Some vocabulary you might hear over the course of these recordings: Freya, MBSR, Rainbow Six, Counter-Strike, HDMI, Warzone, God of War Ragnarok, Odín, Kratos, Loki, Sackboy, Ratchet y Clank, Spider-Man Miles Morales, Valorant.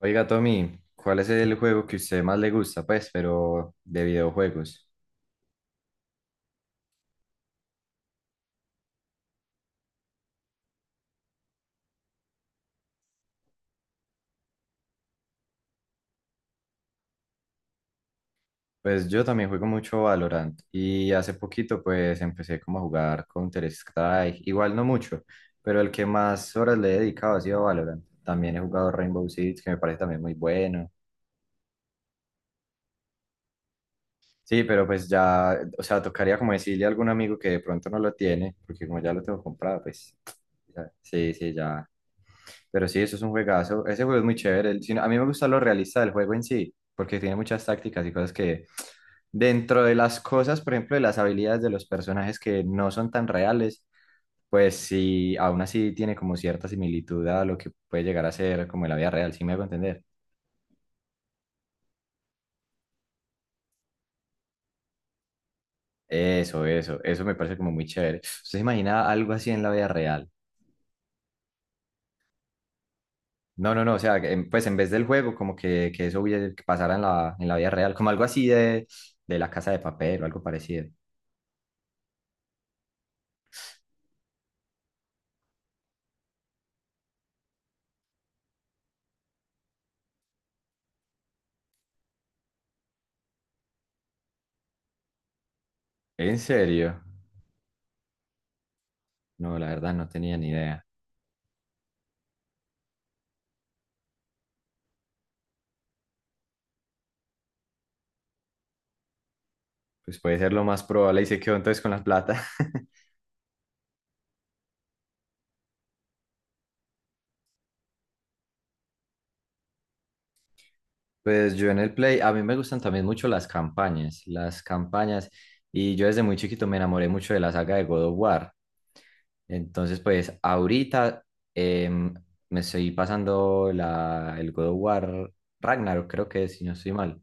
Oiga, Tommy, ¿cuál es el juego que usted más le gusta? Pues, pero de videojuegos. Pues yo también juego mucho Valorant y hace poquito pues empecé como a jugar Counter-Strike, igual no mucho, pero el que más horas le he dedicado ha sido Valorant. También he jugado Rainbow Six, que me parece también muy bueno. Sí, pero pues ya, o sea, tocaría como decirle a algún amigo que de pronto no lo tiene, porque como ya lo tengo comprado, pues sí, sí, ya. Pero sí, eso es un juegazo. Ese juego es muy chévere. No, a mí me gusta lo realista del juego en sí, porque tiene muchas tácticas y cosas que dentro de las cosas, por ejemplo, de las habilidades de los personajes que no son tan reales, pues sí, aún así tiene como cierta similitud a lo que puede llegar a ser como en la vida real, ¿si me hago entender? Eso me parece como muy chévere. ¿Usted se imagina algo así en la vida real? No, no, no, o sea, que pues en vez del juego, como que, eso que pasara en la vida real, como algo así de la Casa de Papel o algo parecido. ¿En serio? No, la verdad no tenía ni idea. Pues puede ser lo más probable y se quedó entonces con la plata. Pues yo en el Play, a mí me gustan también mucho las campañas, las campañas. Y yo desde muy chiquito me enamoré mucho de la saga de God of War. Entonces, pues ahorita em, me estoy pasando el God of War Ragnarok, creo que es, si no estoy mal.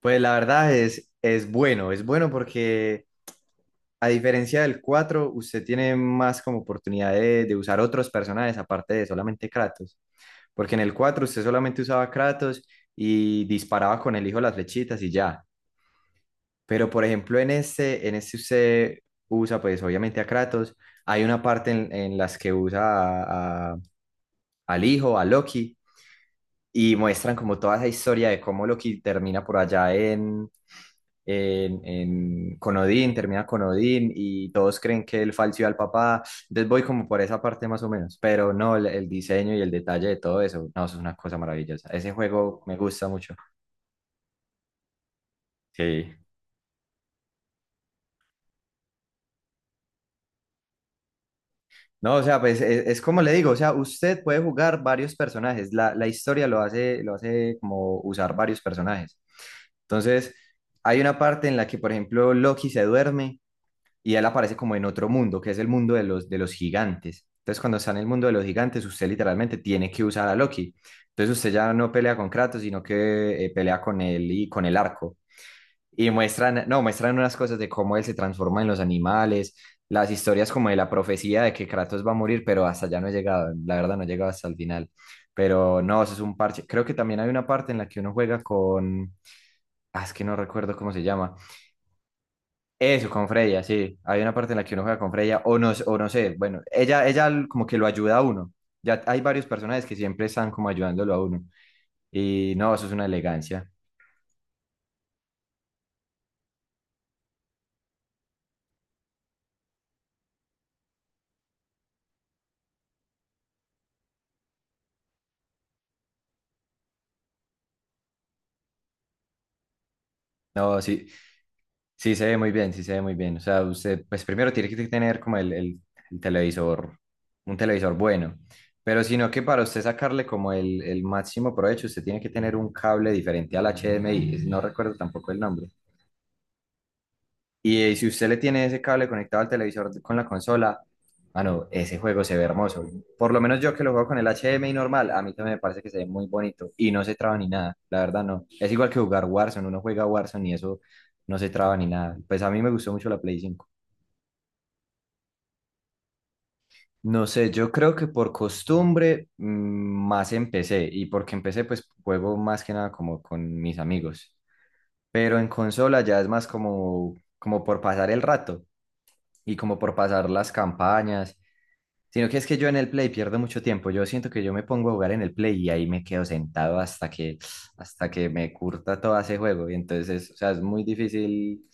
Pues la verdad es bueno, es bueno, porque, a diferencia del 4, usted tiene más como oportunidad de usar otros personajes aparte de solamente Kratos. Porque en el 4 usted solamente usaba Kratos y disparaba con el hijo las flechitas y ya. Pero por ejemplo en este, usted usa pues obviamente a Kratos. Hay una parte en las que usa a- a- al hijo, a Loki, y muestran como toda esa historia de cómo Loki termina por allá con Odín, termina con Odín y todos creen que él falseó al papá. Entonces voy como por esa parte más o menos, pero no, el, diseño y el detalle de todo eso, no, eso es una cosa maravillosa. Ese juego me gusta mucho. Sí. No, o sea, pues es, como le digo, o sea, usted puede jugar varios personajes, la, historia lo hace como usar varios personajes. Entonces, hay una parte en la que, por ejemplo, Loki se duerme y él aparece como en otro mundo, que es el mundo de los gigantes. Entonces, cuando está en el mundo de los gigantes, usted literalmente tiene que usar a Loki. Entonces, usted ya no pelea con Kratos, sino que pelea con él y con el arco. Y muestran, no, muestran unas cosas de cómo él se transforma en los animales, las historias como de la profecía de que Kratos va a morir, pero hasta allá no he llegado, la verdad no he llegado hasta el final. Pero no, eso es un parche. Creo que también hay una parte en la que uno juega con, ah, es que no recuerdo cómo se llama, eso, con Freya, sí. Hay una parte en la que uno juega con Freya, o no sé, bueno, ella, como que lo ayuda a uno. Ya hay varios personajes que siempre están como ayudándolo a uno. Y no, eso es una elegancia. No, sí, sí se ve muy bien, sí se ve muy bien. O sea, usted, pues primero tiene que tener como el televisor, un televisor bueno. Pero sino que para usted sacarle como el máximo provecho, usted tiene que tener un cable diferente al HDMI. No recuerdo tampoco el nombre. Y si usted le tiene ese cable conectado al televisor con la consola, mano, ese juego se ve hermoso. Por lo menos yo que lo juego con el H D M HDMI normal, a mí también me parece que se ve muy bonito y no se traba ni nada, la verdad no. Es igual que jugar Warzone, uno juega Warzone y eso no se traba ni nada. Pues a mí me gustó mucho la Play cinco. No sé, yo creo que por costumbre más empecé y porque empecé pues juego más que nada como con mis amigos. Pero en consola ya es más como, por pasar el rato y como por pasar las campañas. Sino que es que yo en el Play pierdo mucho tiempo. Yo siento que yo me pongo a jugar en el Play y ahí me quedo sentado hasta que me curta todo ese juego. Y entonces, o sea, es muy difícil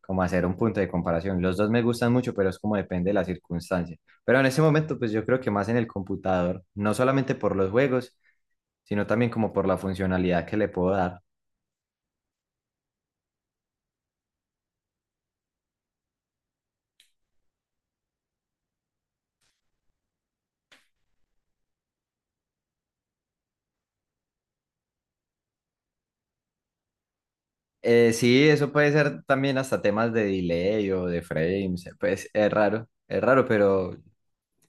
como hacer un punto de comparación. Los dos me gustan mucho, pero es como depende de la circunstancia. Pero en ese momento, pues yo creo que más en el computador, no solamente por los juegos, sino también como por la funcionalidad que le puedo dar. Sí, eso puede ser también hasta temas de delay o de frames. Pues es raro, pero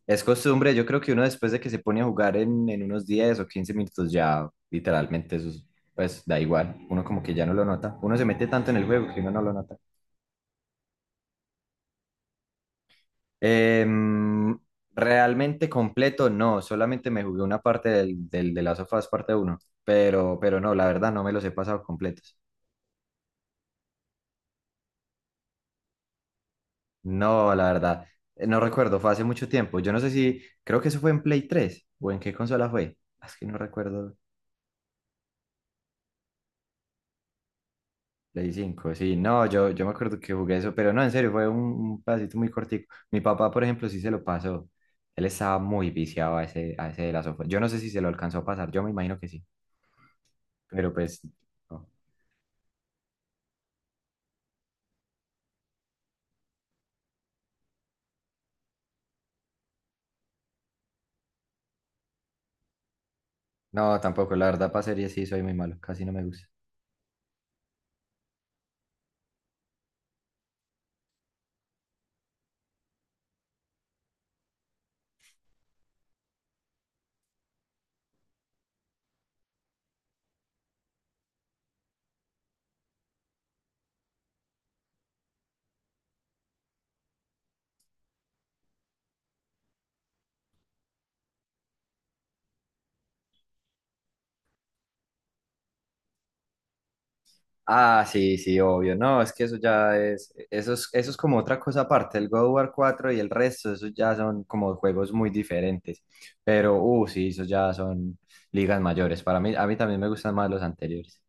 es costumbre, yo creo que uno después de que se pone a jugar en, unos 10 o 15 minutos ya literalmente eso es- pues da igual, uno como que ya no lo nota, uno se mete tanto en el juego que uno no lo nota. Em, Realmente completo no, solamente me jugué una parte de las sofás parte uno pero no, la verdad no me los he pasado completos. No, la verdad, no recuerdo, fue hace mucho tiempo, yo no sé si, creo que eso fue en Play 3 o en qué consola fue, es que no recuerdo. Play 5 sí, no, yo, me acuerdo que jugué eso, pero no, en serio, fue un pedacito muy cortico. Mi papá, por ejemplo, sí se lo pasó. Él estaba muy viciado a ese de las sofá. Yo no sé si se lo alcanzó a pasar, yo me imagino que sí, pero pues, no, no, tampoco, la verdad, para series sí soy muy malo, casi no me gusta. Ah, sí, sí, obvio. No, es que eso ya es, eso es, eso es como otra cosa aparte. El God of War 4 y el resto, eso ya son como juegos muy diferentes. Pero, sí, eso ya son ligas mayores. Para mí, a mí también me gustan más los anteriores.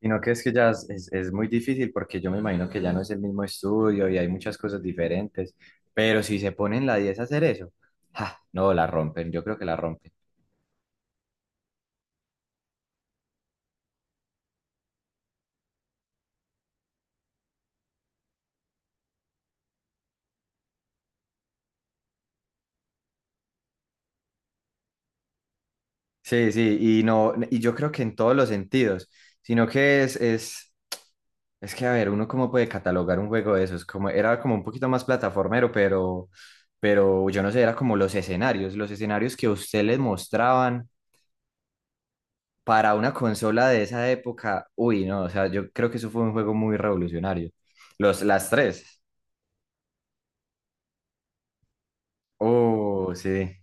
Sino que es que ya es muy difícil porque yo me imagino que ya no es el mismo estudio y hay muchas cosas diferentes. Pero si se ponen la 10 a hacer eso, ja, no, la rompen. Yo creo que la rompen. Sí, sí, y no, y yo creo que en todos los sentidos, sino que es es que, a ver, uno cómo puede catalogar un juego de esos, como era como un poquito más plataformero, pero yo no sé, era como los escenarios que a usted les mostraban para una consola de esa época, uy, no, o sea, yo creo que eso fue un juego muy revolucionario. Los, las tres, oh, sí.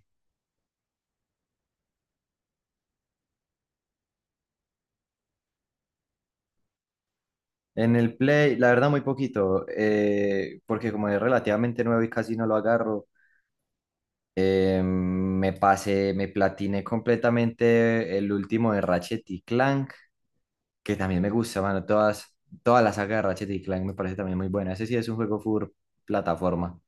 En el Play, la verdad, muy poquito, porque como es relativamente nuevo y casi no lo agarro, me pasé, me platiné completamente el último de Ratchet y Clank que también me gusta, mano. Todas las saga de Ratchet y Clank me parece también muy buena. Ese sí es un juego full plataforma.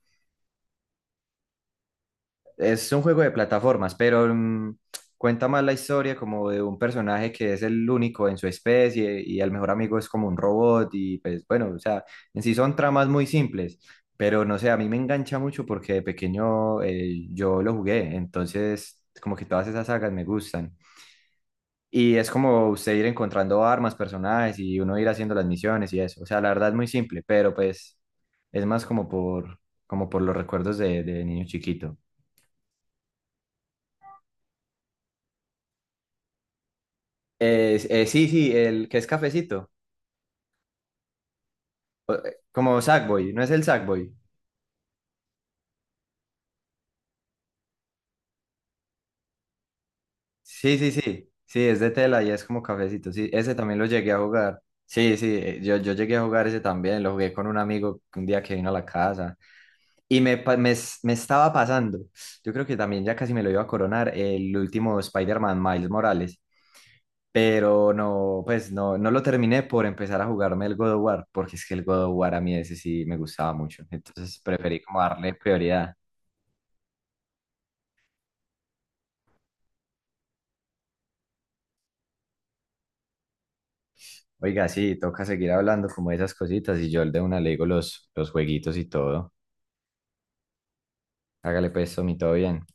Es un juego de plataformas, pero cuenta más la historia como de un personaje que es el único en su especie y el mejor amigo es como un robot y pues bueno, o sea, en sí son tramas muy simples. Pero no sé, a mí me engancha mucho porque de pequeño yo lo jugué, entonces como que todas esas sagas me gustan. Y es como usted ir encontrando armas, personajes y uno ir haciendo las misiones y eso. O sea, la verdad es muy simple, pero pues es más como por, los recuerdos de niño chiquito. Sí, sí, el que es cafecito, como Sackboy, ¿no es el Sackboy? Sí, sí, sí, sí, es de tela y es como cafecito, sí, ese también lo llegué a jugar. Sí, sí, yo llegué a jugar ese también, lo jugué con un amigo un día que vino a la casa. Y me, pa- me es- me estaba pasando, yo creo que también ya casi me lo iba a coronar el último Spider-Man Miles Morales, pero no, pues no, no lo terminé por empezar a jugarme el God of War, porque es que el God of War a mí ese sí me gustaba mucho, entonces preferí como darle prioridad. Oiga, sí, toca seguir hablando como de esas cositas y yo el de una le digo los, jueguitos y todo. Hágale pues, Tommy, todo bien.